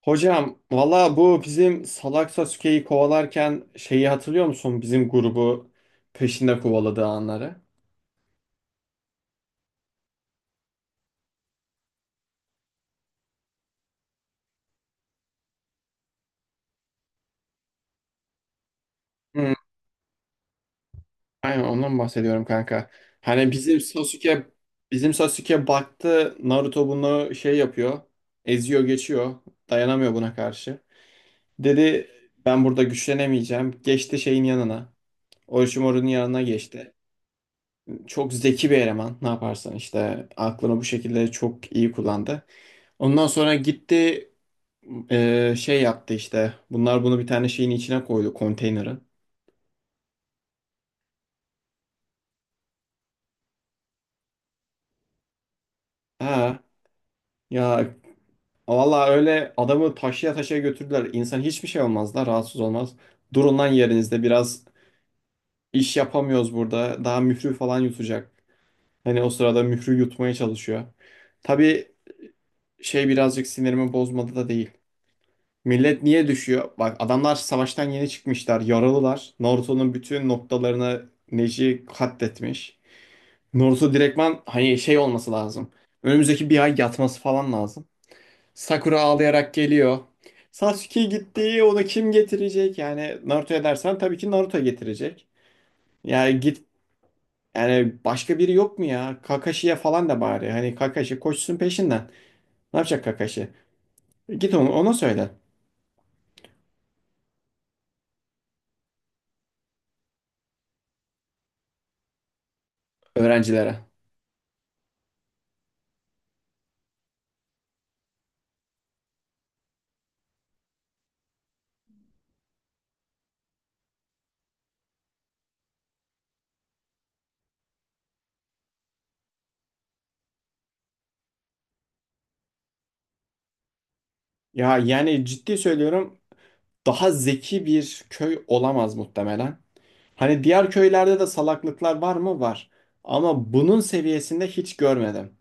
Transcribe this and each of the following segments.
Hocam valla bu bizim Salak Sasuke'yi kovalarken şeyi hatırlıyor musun? Bizim grubu peşinde kovaladığı anları. Hı, aynen ondan bahsediyorum kanka. Hani bizim Sasuke bizim Sasuke baktı Naruto bunu şey yapıyor. Eziyor geçiyor. Dayanamıyor buna karşı. Dedi ben burada güçlenemeyeceğim. Geçti şeyin yanına. Orochimaru'nun yanına geçti. Çok zeki bir eleman. Ne yaparsan işte aklını bu şekilde çok iyi kullandı. Ondan sonra gitti. Şey yaptı işte. Bunlar bunu bir tane şeyin içine koydu konteynerin. Ha ya, vallahi öyle adamı taşıya taşıya götürdüler. İnsan hiçbir şey olmaz da rahatsız olmaz. Durun lan yerinizde biraz, iş yapamıyoruz burada. Daha mührü falan yutacak. Hani o sırada mührü yutmaya çalışıyor. Tabii şey birazcık sinirimi bozmadı da değil. Millet niye düşüyor? Bak adamlar savaştan yeni çıkmışlar, yaralılar. Naruto'nun bütün noktalarını Neji katletmiş. Naruto direktman hani şey olması lazım. Önümüzdeki bir ay yatması falan lazım. Sakura ağlayarak geliyor. Sasuke gitti, onu kim getirecek? Yani Naruto'ya dersen tabii ki Naruto getirecek. Yani git, yani başka biri yok mu ya? Kakashi'ye falan da bari. Hani Kakashi koşsun peşinden. Ne yapacak Kakashi? Git onu, ona söyle öğrencilere. Ya yani ciddi söylüyorum, daha zeki bir köy olamaz muhtemelen. Hani diğer köylerde de salaklıklar var mı? Var. Ama bunun seviyesinde hiç görmedim.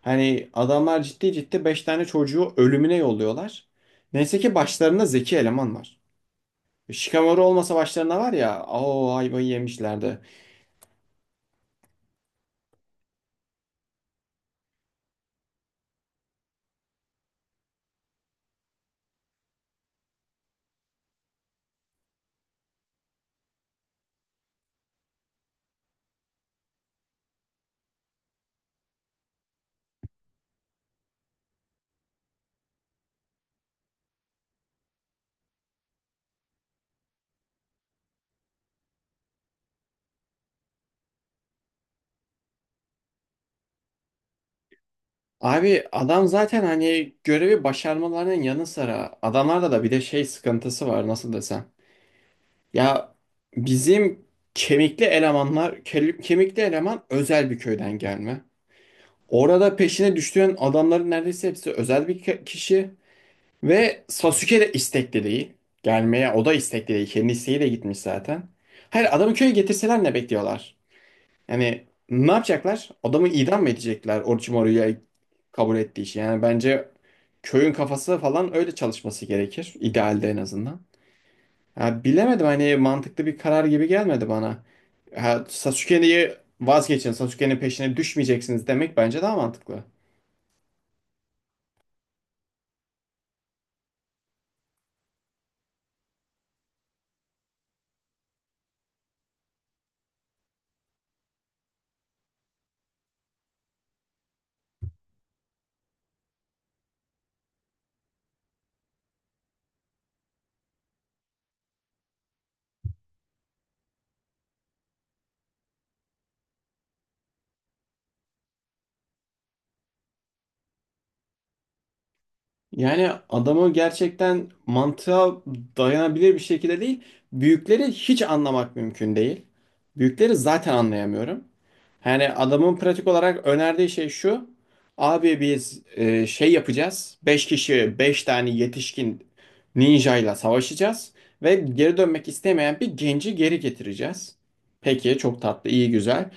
Hani adamlar ciddi ciddi 5 tane çocuğu ölümüne yolluyorlar. Neyse ki başlarında zeki eleman var. Shikamaru olmasa başlarında, var ya, o ayvayı yemişlerdi. Abi adam zaten hani görevi başarmalarının yanı sıra adamlarda da bir de şey sıkıntısı var, nasıl desem. Ya bizim kemikli elemanlar, kemikli eleman özel bir köyden gelme. Orada peşine düştüğün adamların neredeyse hepsi özel bir kişi ve Sasuke de istekli değil. Gelmeye o da istekli değil. Kendi isteğiyle gitmiş zaten. Hayır, adamı köye getirseler ne bekliyorlar? Yani ne yapacaklar? Adamı idam mı edecekler Orochimaru'ya kabul ettiği için? Yani bence köyün kafası falan öyle çalışması gerekir. İdealde en azından. Ha, bilemedim, hani mantıklı bir karar gibi gelmedi bana. Ha, Sasuke'yi vazgeçin, Sasuke'nin peşine düşmeyeceksiniz demek bence daha mantıklı. Yani adamı gerçekten mantığa dayanabilir bir şekilde değil. Büyükleri hiç anlamak mümkün değil. Büyükleri zaten anlayamıyorum. Yani adamın pratik olarak önerdiği şey şu. Abi biz şey yapacağız. Beş kişi 5 tane yetişkin ninjayla savaşacağız. Ve geri dönmek istemeyen bir genci geri getireceğiz. Peki, çok tatlı, iyi, güzel.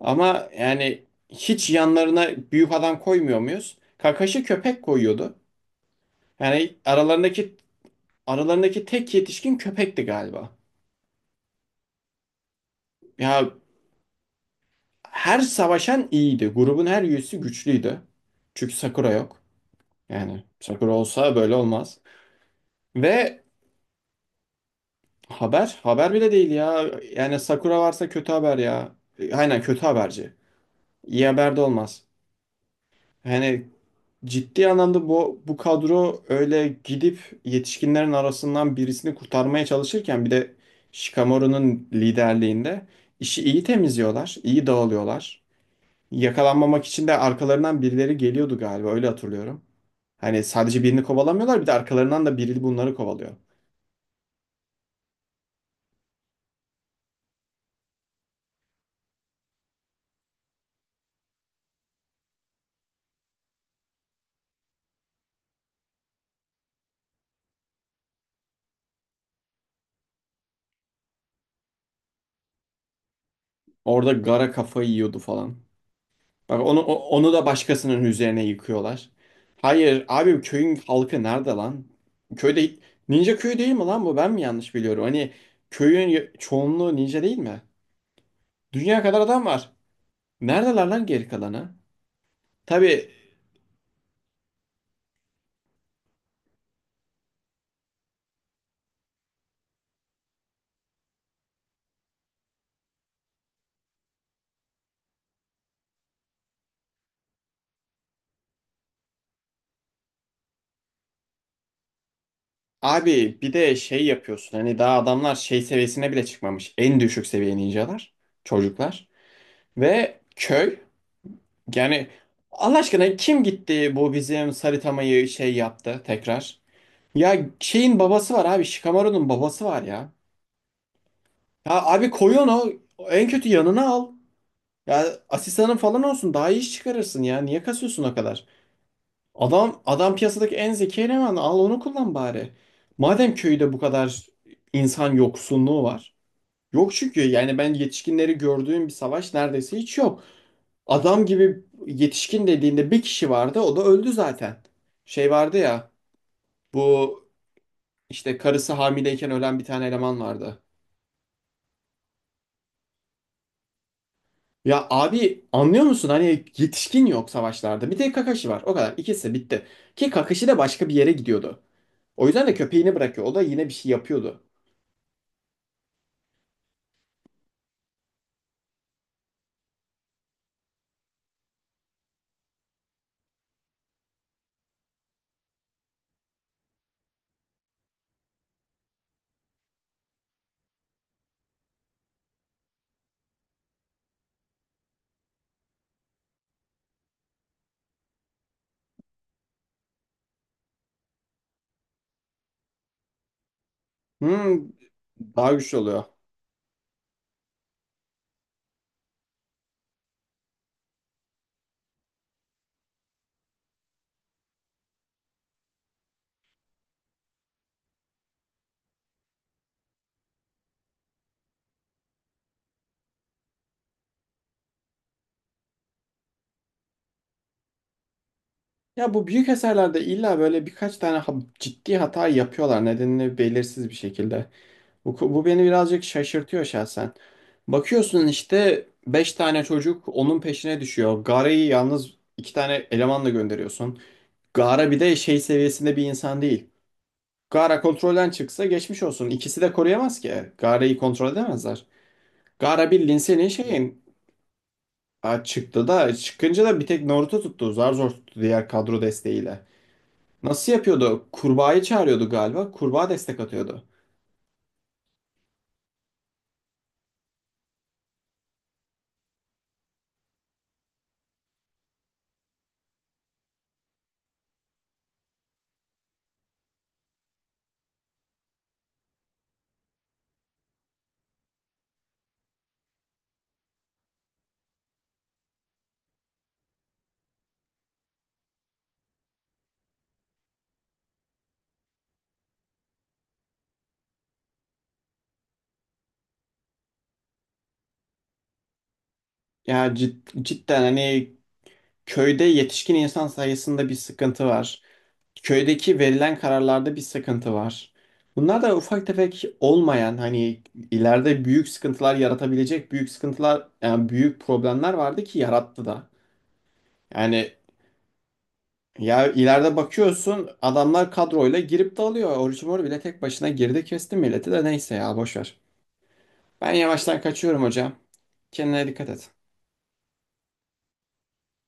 Ama yani hiç yanlarına büyük adam koymuyor muyuz? Kakashi köpek koyuyordu. Yani aralarındaki tek yetişkin köpekti galiba. Ya, her savaşan iyiydi. Grubun her üyesi güçlüydü. Çünkü Sakura yok. Yani Sakura olsa böyle olmaz. Ve haber bile değil ya. Yani Sakura varsa kötü haber ya. Aynen kötü haberci. İyi haber de olmaz. Yani ciddi anlamda bu kadro öyle gidip yetişkinlerin arasından birisini kurtarmaya çalışırken bir de Shikamaru'nun liderliğinde işi iyi temizliyorlar, iyi dağılıyorlar. Yakalanmamak için de arkalarından birileri geliyordu galiba, öyle hatırlıyorum. Hani sadece birini kovalamıyorlar, bir de arkalarından da biri bunları kovalıyor. Orada Gara kafayı yiyordu falan. Bak onu onu da başkasının üzerine yıkıyorlar. Hayır abi, köyün halkı nerede lan? Köyde, ninja köyü değil mi lan bu? Ben mi yanlış biliyorum? Hani köyün çoğunluğu ninja değil mi? Dünya kadar adam var. Neredeler lan geri kalanı? Tabii abi, bir de şey yapıyorsun. Hani daha adamlar şey seviyesine bile çıkmamış. En düşük seviye ninjalar, çocuklar ve köy. Yani Allah aşkına kim gitti bu bizim Saritama'yı şey yaptı tekrar? Ya şeyin babası var abi. Shikamaru'nun babası var ya. Ya abi koy onu. En kötü yanına al. Ya asistanın falan olsun. Daha iyi iş çıkarırsın ya. Niye kasıyorsun o kadar? Adam piyasadaki en zeki eleman. Al onu kullan bari. Madem köyde bu kadar insan yoksunluğu var. Yok çünkü yani ben yetişkinleri gördüğüm bir savaş neredeyse hiç yok. Adam gibi yetişkin dediğinde bir kişi vardı. O da öldü zaten. Şey vardı ya. Bu işte karısı hamileyken ölen bir tane eleman vardı. Ya abi anlıyor musun? Hani yetişkin yok savaşlarda. Bir tek Kakashi var. O kadar. İkisi bitti. Ki Kakashi de başka bir yere gidiyordu. O yüzden de köpeğini bırakıyor. O da yine bir şey yapıyordu. Hmm, daha güçlü oluyor. Ya bu büyük eserlerde illa böyle birkaç tane ciddi hata yapıyorlar. Nedenini belirsiz bir şekilde. Bu beni birazcık şaşırtıyor şahsen. Bakıyorsun işte 5 tane çocuk onun peşine düşüyor. Gaara'yı yalnız iki tane elemanla gönderiyorsun. Gaara bir de şey seviyesinde bir insan değil. Gaara kontrolden çıksa geçmiş olsun. İkisi de koruyamaz ki. Gaara'yı kontrol edemezler. Gaara bildiğin senin şeyin. Ha, çıktı da, çıkınca da bir tek Naruto tuttu. Zar zor tuttu diğer kadro desteğiyle. Nasıl yapıyordu? Kurbağayı çağırıyordu galiba. Kurbağa destek atıyordu. Ya cidden hani köyde yetişkin insan sayısında bir sıkıntı var. Köydeki verilen kararlarda bir sıkıntı var. Bunlar da ufak tefek olmayan, hani ileride büyük sıkıntılar yaratabilecek büyük sıkıntılar, yani büyük problemler vardı ki yarattı da. Yani ya, ileride bakıyorsun adamlar kadroyla girip de alıyor. Orucumor bile tek başına girdi, kesti milleti de, neyse ya boş ver. Ben yavaştan kaçıyorum hocam. Kendine dikkat et.